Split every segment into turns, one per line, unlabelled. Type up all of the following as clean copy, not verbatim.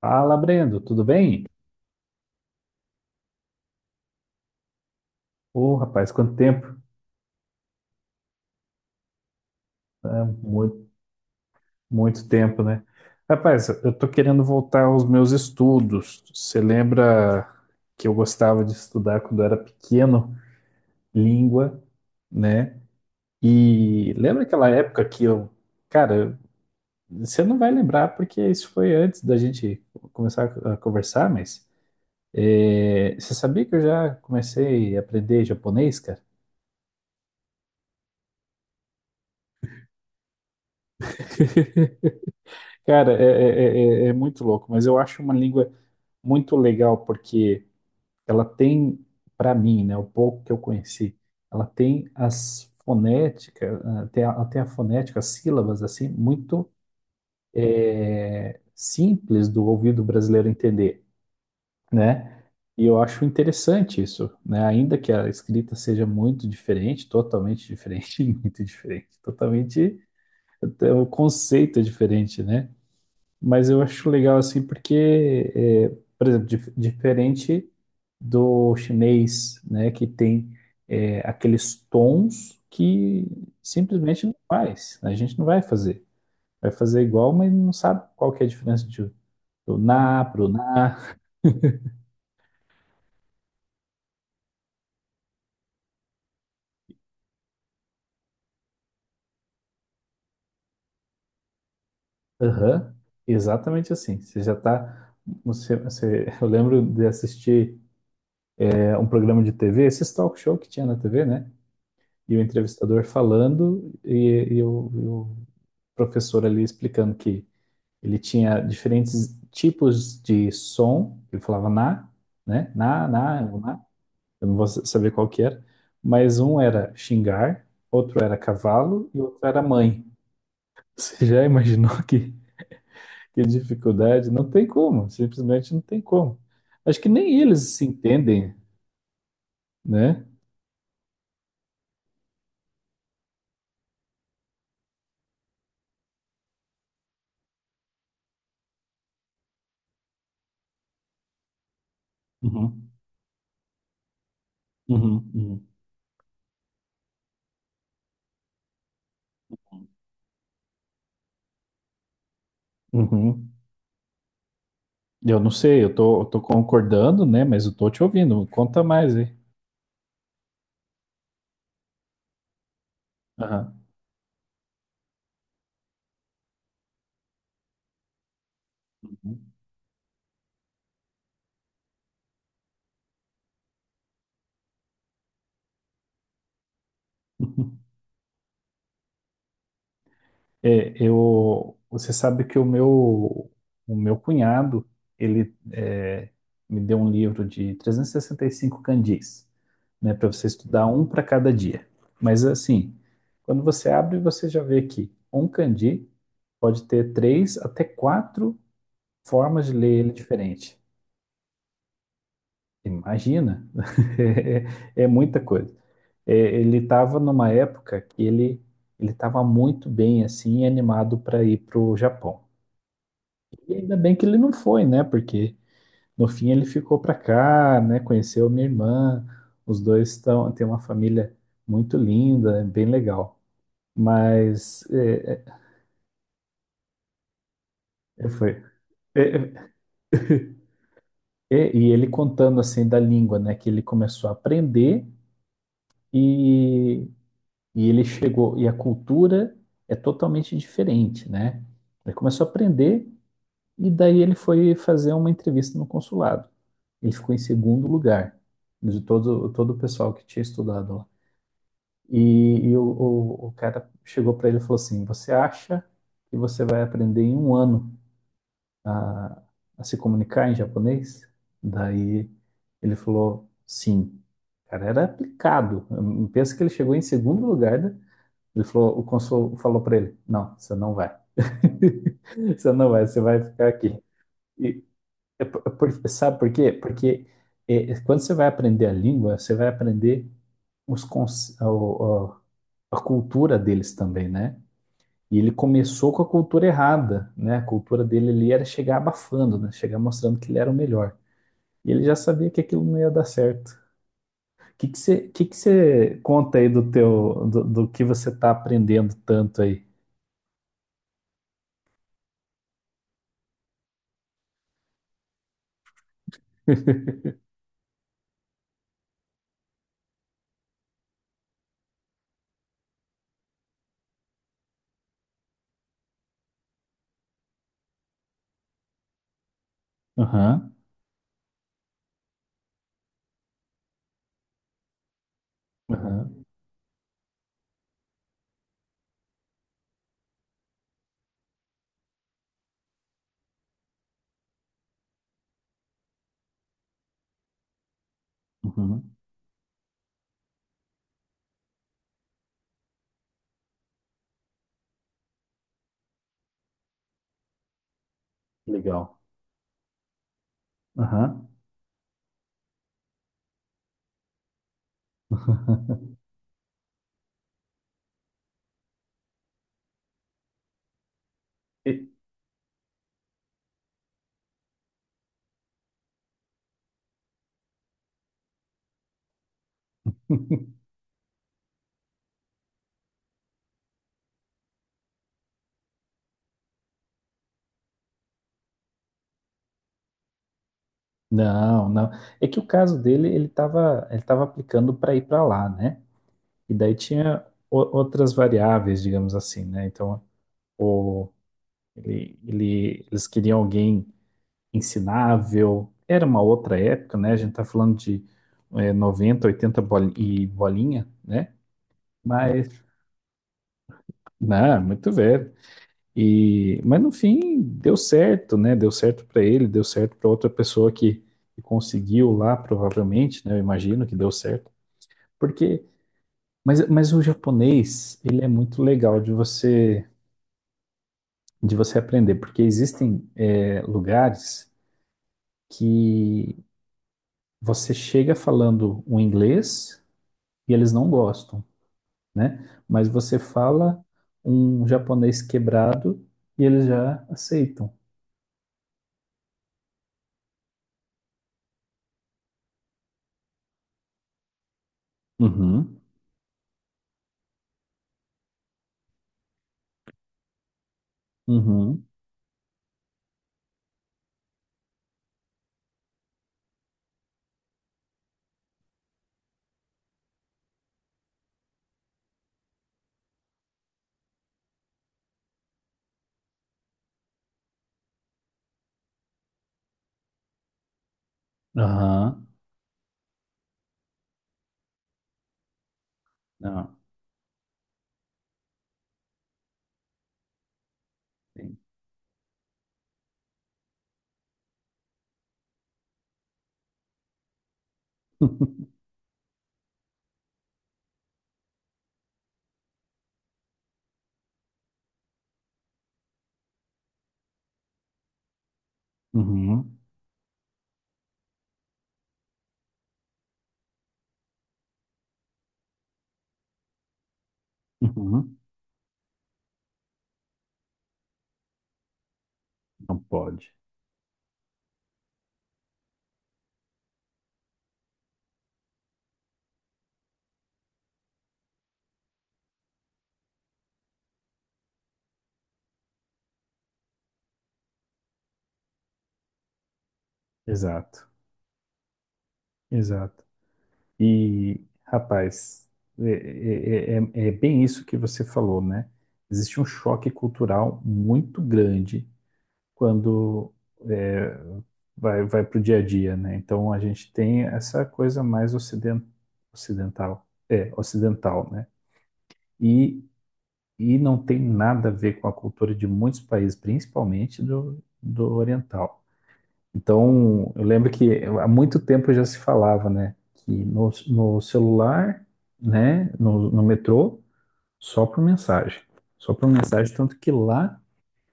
Fala, Brendo, tudo bem? Ô, rapaz, quanto tempo? É, muito, muito tempo, né? Rapaz, eu tô querendo voltar aos meus estudos. Você lembra que eu gostava de estudar quando eu era pequeno, língua, né? E lembra aquela época que eu, cara, você não vai lembrar porque isso foi antes da gente começar a conversar, mas você sabia que eu já comecei a aprender japonês, cara? Cara, é muito louco, mas eu acho uma língua muito legal porque ela tem, para mim, né, o pouco que eu conheci, ela tem as fonéticas, tem a fonética, as sílabas, assim, muito simples do ouvido brasileiro entender, né? E eu acho interessante isso, né? Ainda que a escrita seja muito diferente, totalmente diferente, muito diferente, totalmente, até o conceito é diferente, né? Mas eu acho legal assim porque, é, por exemplo, diferente do chinês, né, que tem aqueles tons que simplesmente não faz, a gente não vai fazer. Vai fazer igual, mas não sabe qual que é a diferença de, do na pro na. Aham. Exatamente assim. Você já tá. Eu lembro de assistir um programa de TV, esses talk show que tinha na TV, né? E o entrevistador falando e o professor ali explicando que ele tinha diferentes tipos de som, ele falava na, né? Na, na, na, eu não vou saber qual que era, mas um era xingar, outro era cavalo e outro era mãe. Você já imaginou que dificuldade? Não tem como, simplesmente não tem como. Acho que nem eles se entendem, né? Uhum, uhum, uhum, uhum. Eu não sei, eu tô concordando, né? Mas eu tô te ouvindo. Conta mais aí. Aham. É, eu, você sabe que o meu cunhado, ele me deu um livro de 365 candis, né? Para você estudar um para cada dia. Mas assim, quando você abre, você já vê que um candi pode ter três até quatro formas de ler ele diferente. Imagina, é muita coisa. É, ele estava numa época que ele estava muito bem assim, animado para ir para o Japão. E ainda bem que ele não foi, né? Porque no fim ele ficou para cá, né? Conheceu minha irmã, os dois estão têm uma família muito linda, é bem legal. Mas foi. É, e ele contando assim da língua, né? Que ele começou a aprender e E ele chegou, e a cultura é totalmente diferente, né? Ele começou a aprender e daí ele foi fazer uma entrevista no consulado. Ele ficou em segundo lugar de todo o pessoal que tinha estudado lá. E, o cara chegou para ele e falou assim: Você acha que você vai aprender em um ano a, a se comunicar em japonês? Daí ele falou: Sim. O cara era aplicado. Pensa que ele chegou em segundo lugar da, ele falou, o cônsul falou para ele: Não, você não vai. Você não vai, você vai ficar aqui. E, sabe por quê? Porque quando você vai aprender a língua, você vai aprender os, cons- o- a cultura deles também, né? E ele começou com a cultura errada, né? A cultura dele ali era chegar abafando, né? Chegar mostrando que ele era o melhor. E ele já sabia que aquilo não ia dar certo. O que que você conta aí do do que você está aprendendo tanto aí? Aham. Aham, uhum, legal. Aham. E- Não, não. É que o caso dele, ele tava aplicando para ir para lá, né? E daí tinha outras variáveis, digamos assim, né? Então, o, eles queriam alguém ensinável. Era uma outra época, né? A gente tá falando de 90, 80 e bolinha, né? Mas, não, muito velho. E, mas no fim deu certo, né? Deu certo para ele, deu certo para outra pessoa que, conseguiu lá, provavelmente, né? Eu imagino que deu certo. Porque, mas o japonês, ele é muito legal de você aprender, porque existem lugares que você chega falando um inglês e eles não gostam, né? Mas você fala um japonês quebrado e eles já aceitam. Uhum, uhum, aham. Não, sim. Uhum, uhum. Não pode. Exato, exato. E, rapaz, é bem isso que você falou, né? Existe um choque cultural muito grande quando é, vai para o dia a dia, né? Então a gente tem essa coisa mais ocidental, né? E, e não tem nada a ver com a cultura de muitos países, principalmente do, oriental. Então, eu lembro que há muito tempo já se falava, né, que no, no, celular, né, no metrô, só por mensagem. Só por mensagem, tanto que lá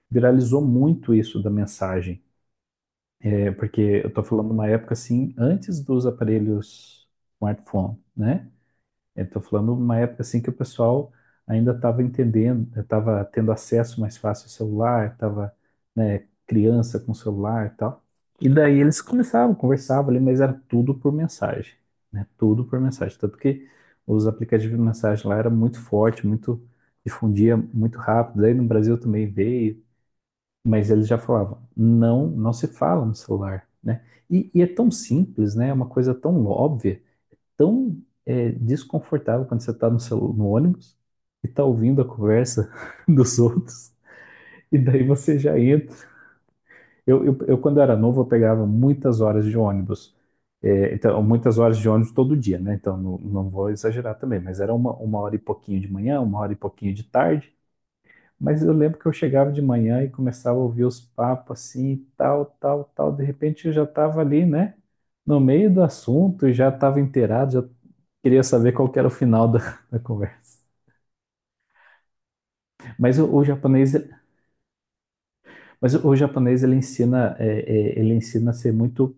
viralizou muito isso da mensagem. É porque eu tô falando uma época assim, antes dos aparelhos smartphone, né? Estou falando uma época assim que o pessoal ainda estava entendendo, estava tendo acesso mais fácil ao celular, estava, né, criança com celular e tal. E daí eles começavam, conversavam ali, mas era tudo por mensagem, né? Tudo por mensagem. Tanto que os aplicativos de mensagem lá era muito forte, muito difundia muito rápido. Daí no Brasil também veio, mas eles já falavam, não, não se fala no celular, né? E é tão simples, né? É uma coisa tão óbvia tão desconfortável quando você está no ônibus e está ouvindo a conversa dos outros, e daí você já entra. Eu quando era novo, eu pegava muitas horas de ônibus. É, então, muitas horas de ônibus todo dia, né? Então, não, não vou exagerar também, mas era uma hora e pouquinho de manhã, uma hora e pouquinho de tarde. Mas eu lembro que eu chegava de manhã e começava a ouvir os papos assim, tal, tal, tal. De repente eu já estava ali, né? No meio do assunto e já estava inteirado, já queria saber qual que era o final da, da conversa. Mas o, o japonês, mas o japonês ele ensina a ser muito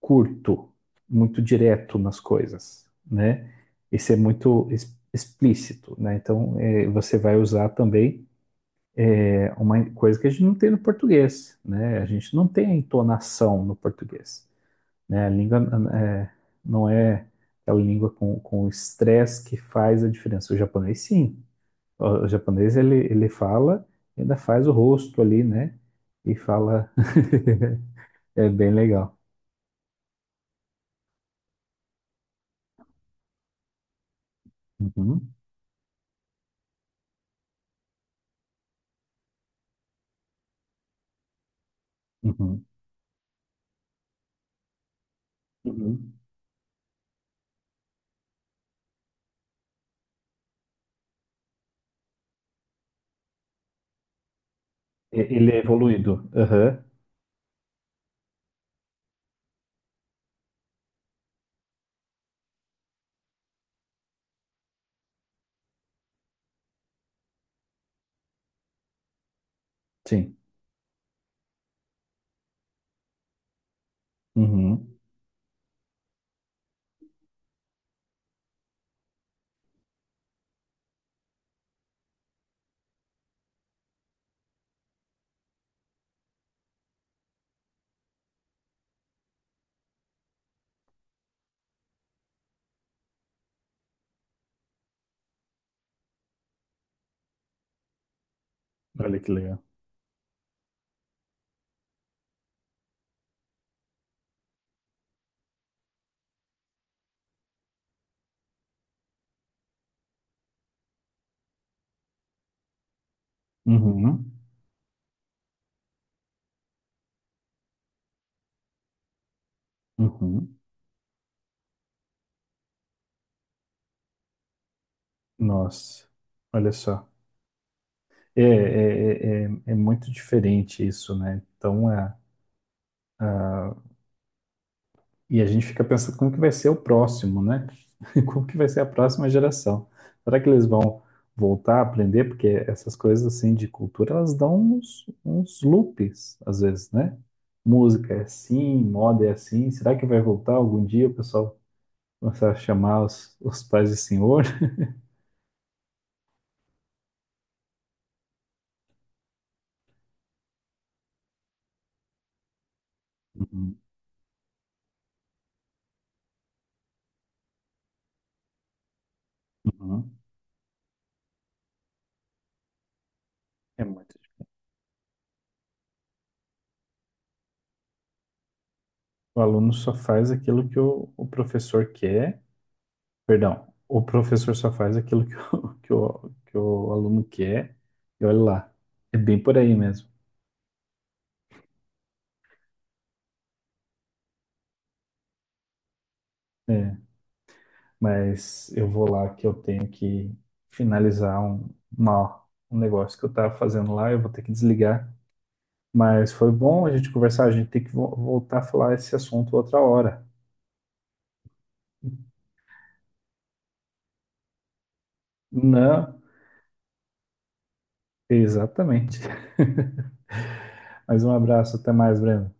curto, muito direto nas coisas, né? E ser muito explícito, né? Então você vai usar também uma coisa que a gente não tem no português, né? A gente não tem a entonação no português, né? A língua é, não é aquela língua com o estresse que faz a diferença. O japonês sim. O japonês, ele fala, e ainda faz o rosto ali, né? E fala. É bem legal. Uhum, uhum, uhum. Ele é evoluído. Aham, sim. Uhum. Olha que legal. Uhum, uhum. Nossa, olha só. É muito diferente isso, né? Então, é. E a gente fica pensando como que vai ser o próximo, né? Como que vai ser a próxima geração? Será que eles vão voltar a aprender? Porque essas coisas assim de cultura, elas dão uns loops, às vezes, né? Música é assim, moda é assim. Será que vai voltar algum dia o pessoal começar a chamar os pais de senhor? Uhum, uhum. É muito difícil. O aluno só faz aquilo que o professor quer. Perdão, o professor só faz aquilo que o aluno quer, e olha lá, é bem por aí mesmo. É, mas eu vou lá que eu tenho que finalizar uma- um negócio que eu estava fazendo lá, eu vou ter que desligar. Mas foi bom a gente conversar, a gente tem que voltar a falar esse assunto outra hora. Não, exatamente. Mas um abraço, até mais, Breno.